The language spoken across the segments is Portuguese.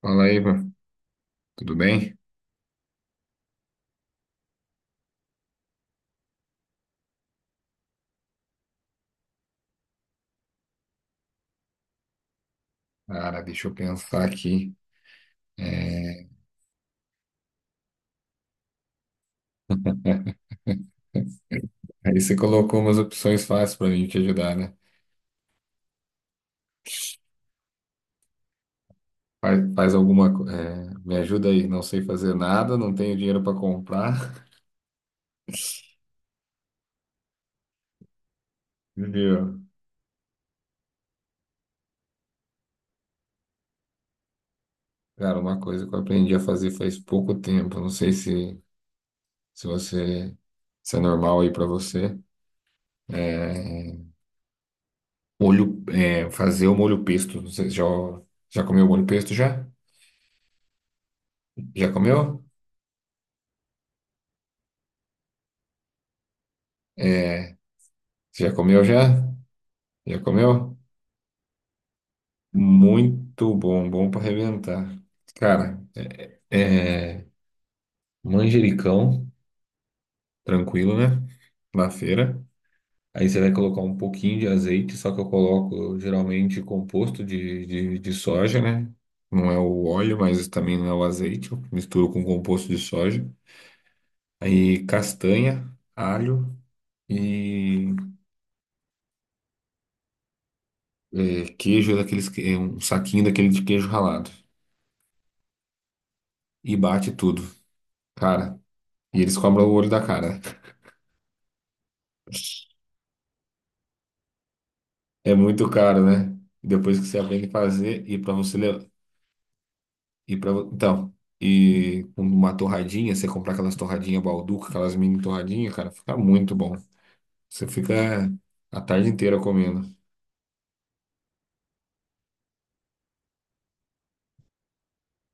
Fala aí, Ivan. Tudo bem? Cara, deixa eu pensar aqui. É, Aí você colocou umas opções fáceis para mim te ajudar, né? Faz alguma. Me ajuda aí. Não sei fazer nada, não tenho dinheiro para comprar. Viu? Cara, uma coisa que eu aprendi a fazer faz pouco tempo. Não sei se você se é normal aí para você. É, Molho, fazer o molho pesto. Já comeu molho pesto já? Já comeu? É, você já comeu já? Já comeu? Muito bom, bom para arrebentar. Cara, é manjericão, tranquilo, né? Na feira. Aí você vai colocar um pouquinho de azeite, só que eu coloco geralmente composto de, de soja, né? Não é o óleo, mas também não é o azeite. Eu misturo com composto de soja. Aí castanha, alho e queijo daqueles, um saquinho daquele de queijo ralado. E bate tudo, cara. E eles cobram o olho da cara. É muito caro, né? Depois que você aprende a fazer e para você e para então e com uma torradinha, você comprar aquelas torradinhas Balduca, aquelas mini torradinhas, cara, fica muito bom. Você fica a tarde inteira comendo.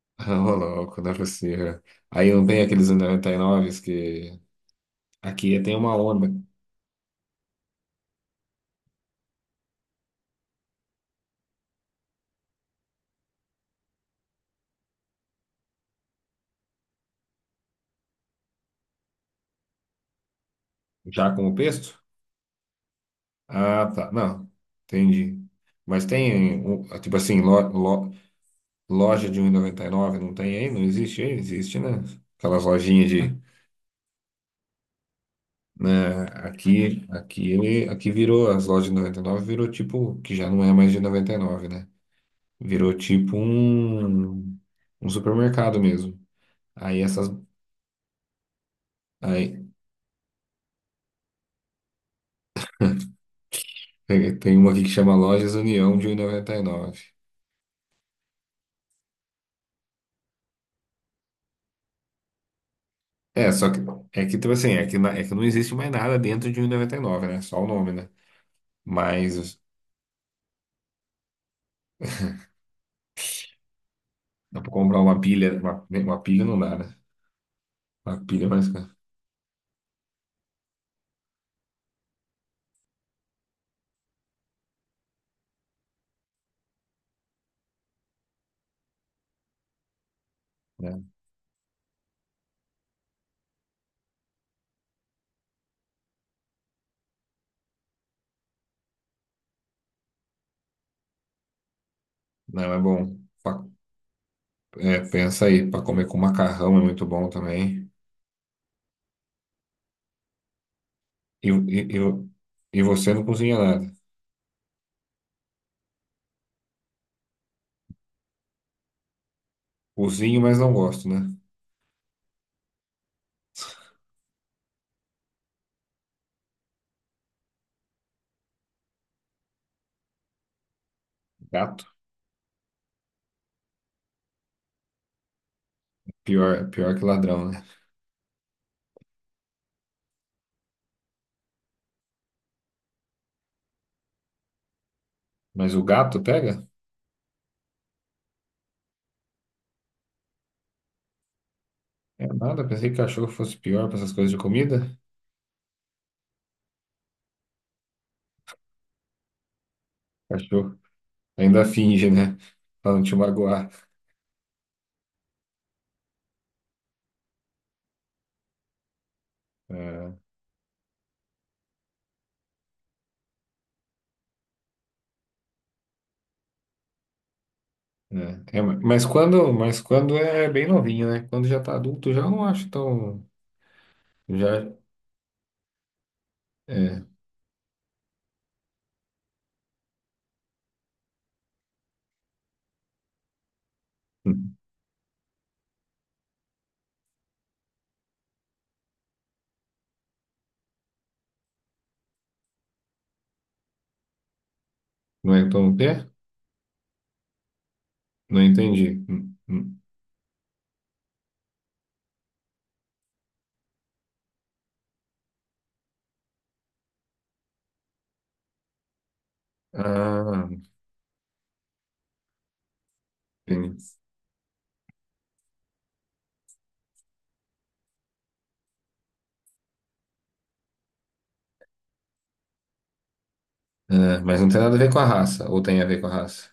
Ô, louco, não é possível. Aí não tem aqueles 99 que aqui tem uma onda já com o pesto? Ah, tá. Não, entendi. Mas tem tipo assim, lo- loja de 1,99 não tem aí? Não existe aí? Existe, né? Aquelas lojinhas de né? Aqui, aqui virou as lojas de 99 virou tipo, que já não é mais de 99, né? Virou tipo um, um supermercado mesmo. Aí essas, aí tem uma aqui que chama Lojas União de 1,99. É, só que é que tipo assim, é que, é que não existe mais nada dentro de 1,99, né? Só o nome, né? Mas dá pra comprar uma pilha não dá, né? Uma pilha é mais cara, né? Não, é bom. É, pensa aí, pra comer com macarrão é muito bom também. E, e, e, vo- e você não cozinha nada. Cozinho, mas não gosto, né? Gato, pior, pior que ladrão, né? Mas o gato pega? É nada, pensei que cachorro fosse pior para essas coisas de comida. Cachorro ainda finge, né? Pra não te magoar. É, né? É, mas quando é bem novinho, né? Quando já tá adulto, já não acho tão. Já, é, hum, não é tão o quê? Não entendi. Ah, entendi. Ah, mas não tem nada a ver com a raça, ou tem a ver com a raça?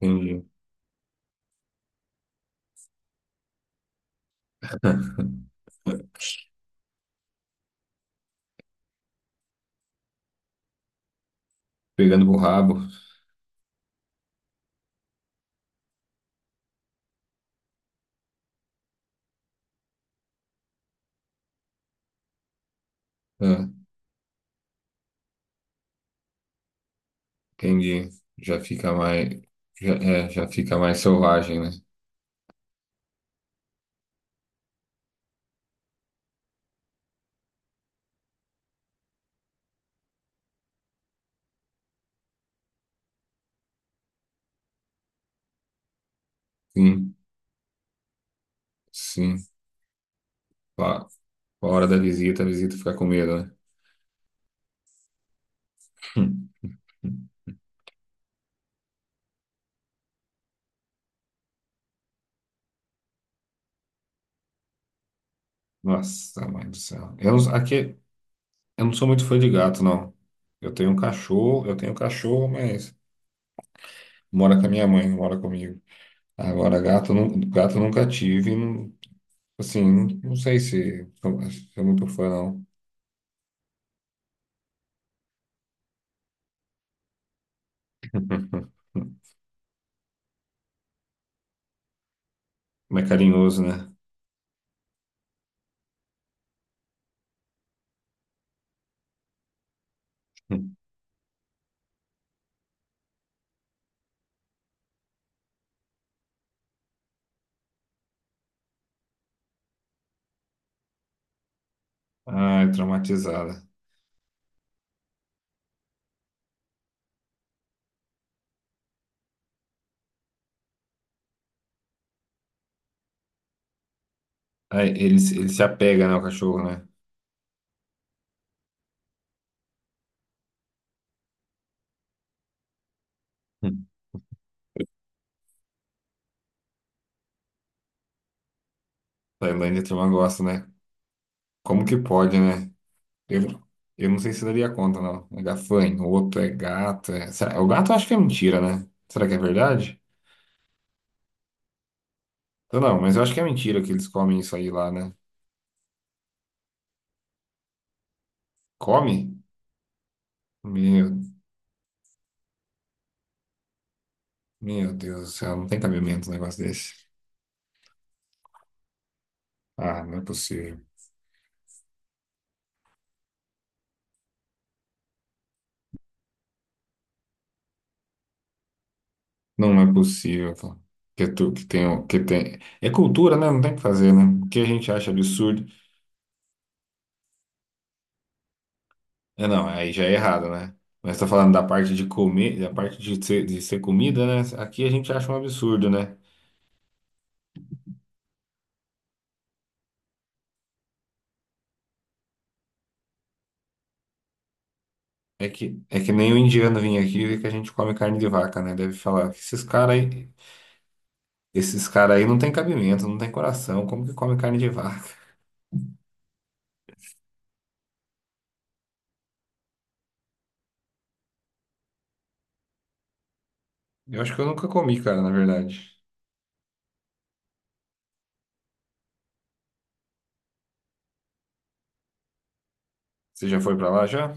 Entendi. Pegando pro rabo. Ah, entendi. Já fica mais, já, é, já fica mais selvagem, né? Sim, sim. Pa- Pa hora da visita, a visita fica com medo, né? Hum. Nossa, mãe do céu. Aqui, eu não sou muito fã de gato, não. Eu tenho um cachorro, mas mora com a minha mãe, não mora comigo. Agora, gato, não, gato nunca tive. Assim, não, não sei se sou muito fã, não. Mas é carinhoso, né? Ai, traumatizada. Ah, ele se apega, né, ao cachorro, né? Hum. Tailândia, a turma gosta, né? Como que pode, né? Eu, eu não sei se daria conta, não. É gafanhoto, é gato. O gato eu acho que é mentira, né? Será que é verdade? Eu não, mas eu acho que é mentira que eles comem isso aí lá, né? Come? Meu, meu Deus do céu, não tem cabimento um negócio desse. Ah, não é possível. Não é possível, pô. Que, tu, que tem, o- Que tem. É cultura, né? Não tem o que fazer, né? O que a gente acha absurdo. É, não, aí já é errado, né? Mas tá falando da parte de comer, da parte de ser comida, né? Aqui a gente acha um absurdo, né? É que nem o indiano vir aqui e ver que a gente come carne de vaca, né? Deve falar que esses caras aí, esses cara aí não tem cabimento, não tem coração, como que come carne de vaca? Eu acho que eu nunca comi, cara, na verdade. Você já foi pra lá já?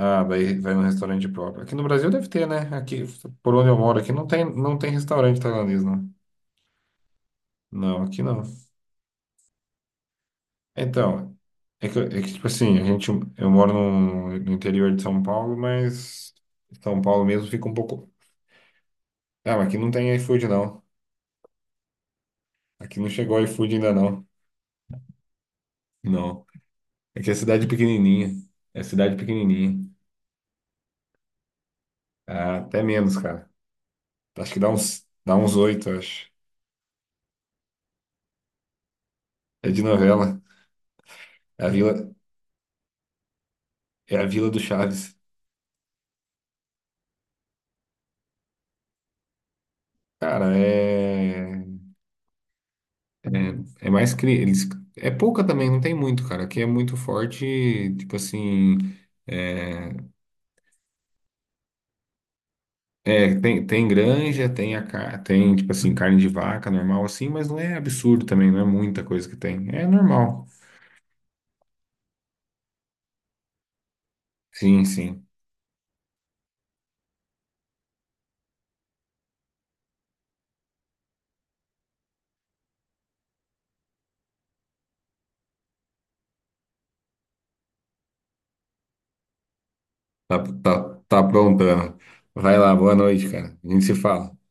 Ah, vai, vai no restaurante próprio. Aqui no Brasil deve ter, né? Aqui, por onde eu moro, aqui não tem, não tem restaurante tailandês, não. Não, aqui não. Então, é que tipo assim, a gente, eu moro no, no interior de São Paulo, mas São Paulo mesmo fica um pouco. Ah, mas aqui não tem iFood, não. Aqui não chegou iFood ainda, não. Não. É que é cidade pequenininha. É cidade pequenininha. Ah, até menos, cara. Acho que dá uns oito, acho. É de novela. É a vila, é a Vila do Chaves. Cara, é mais eles é pouca também, não tem muito, cara. Aqui é muito forte, tipo assim, é, É, tem, tem granja, tem, tem, tipo assim, carne de vaca normal assim, mas não é absurdo também, não é muita coisa que tem. É normal. Sim, sim. Tá, tá, tá aprontando. Vai lá, boa noite, cara. A gente se fala.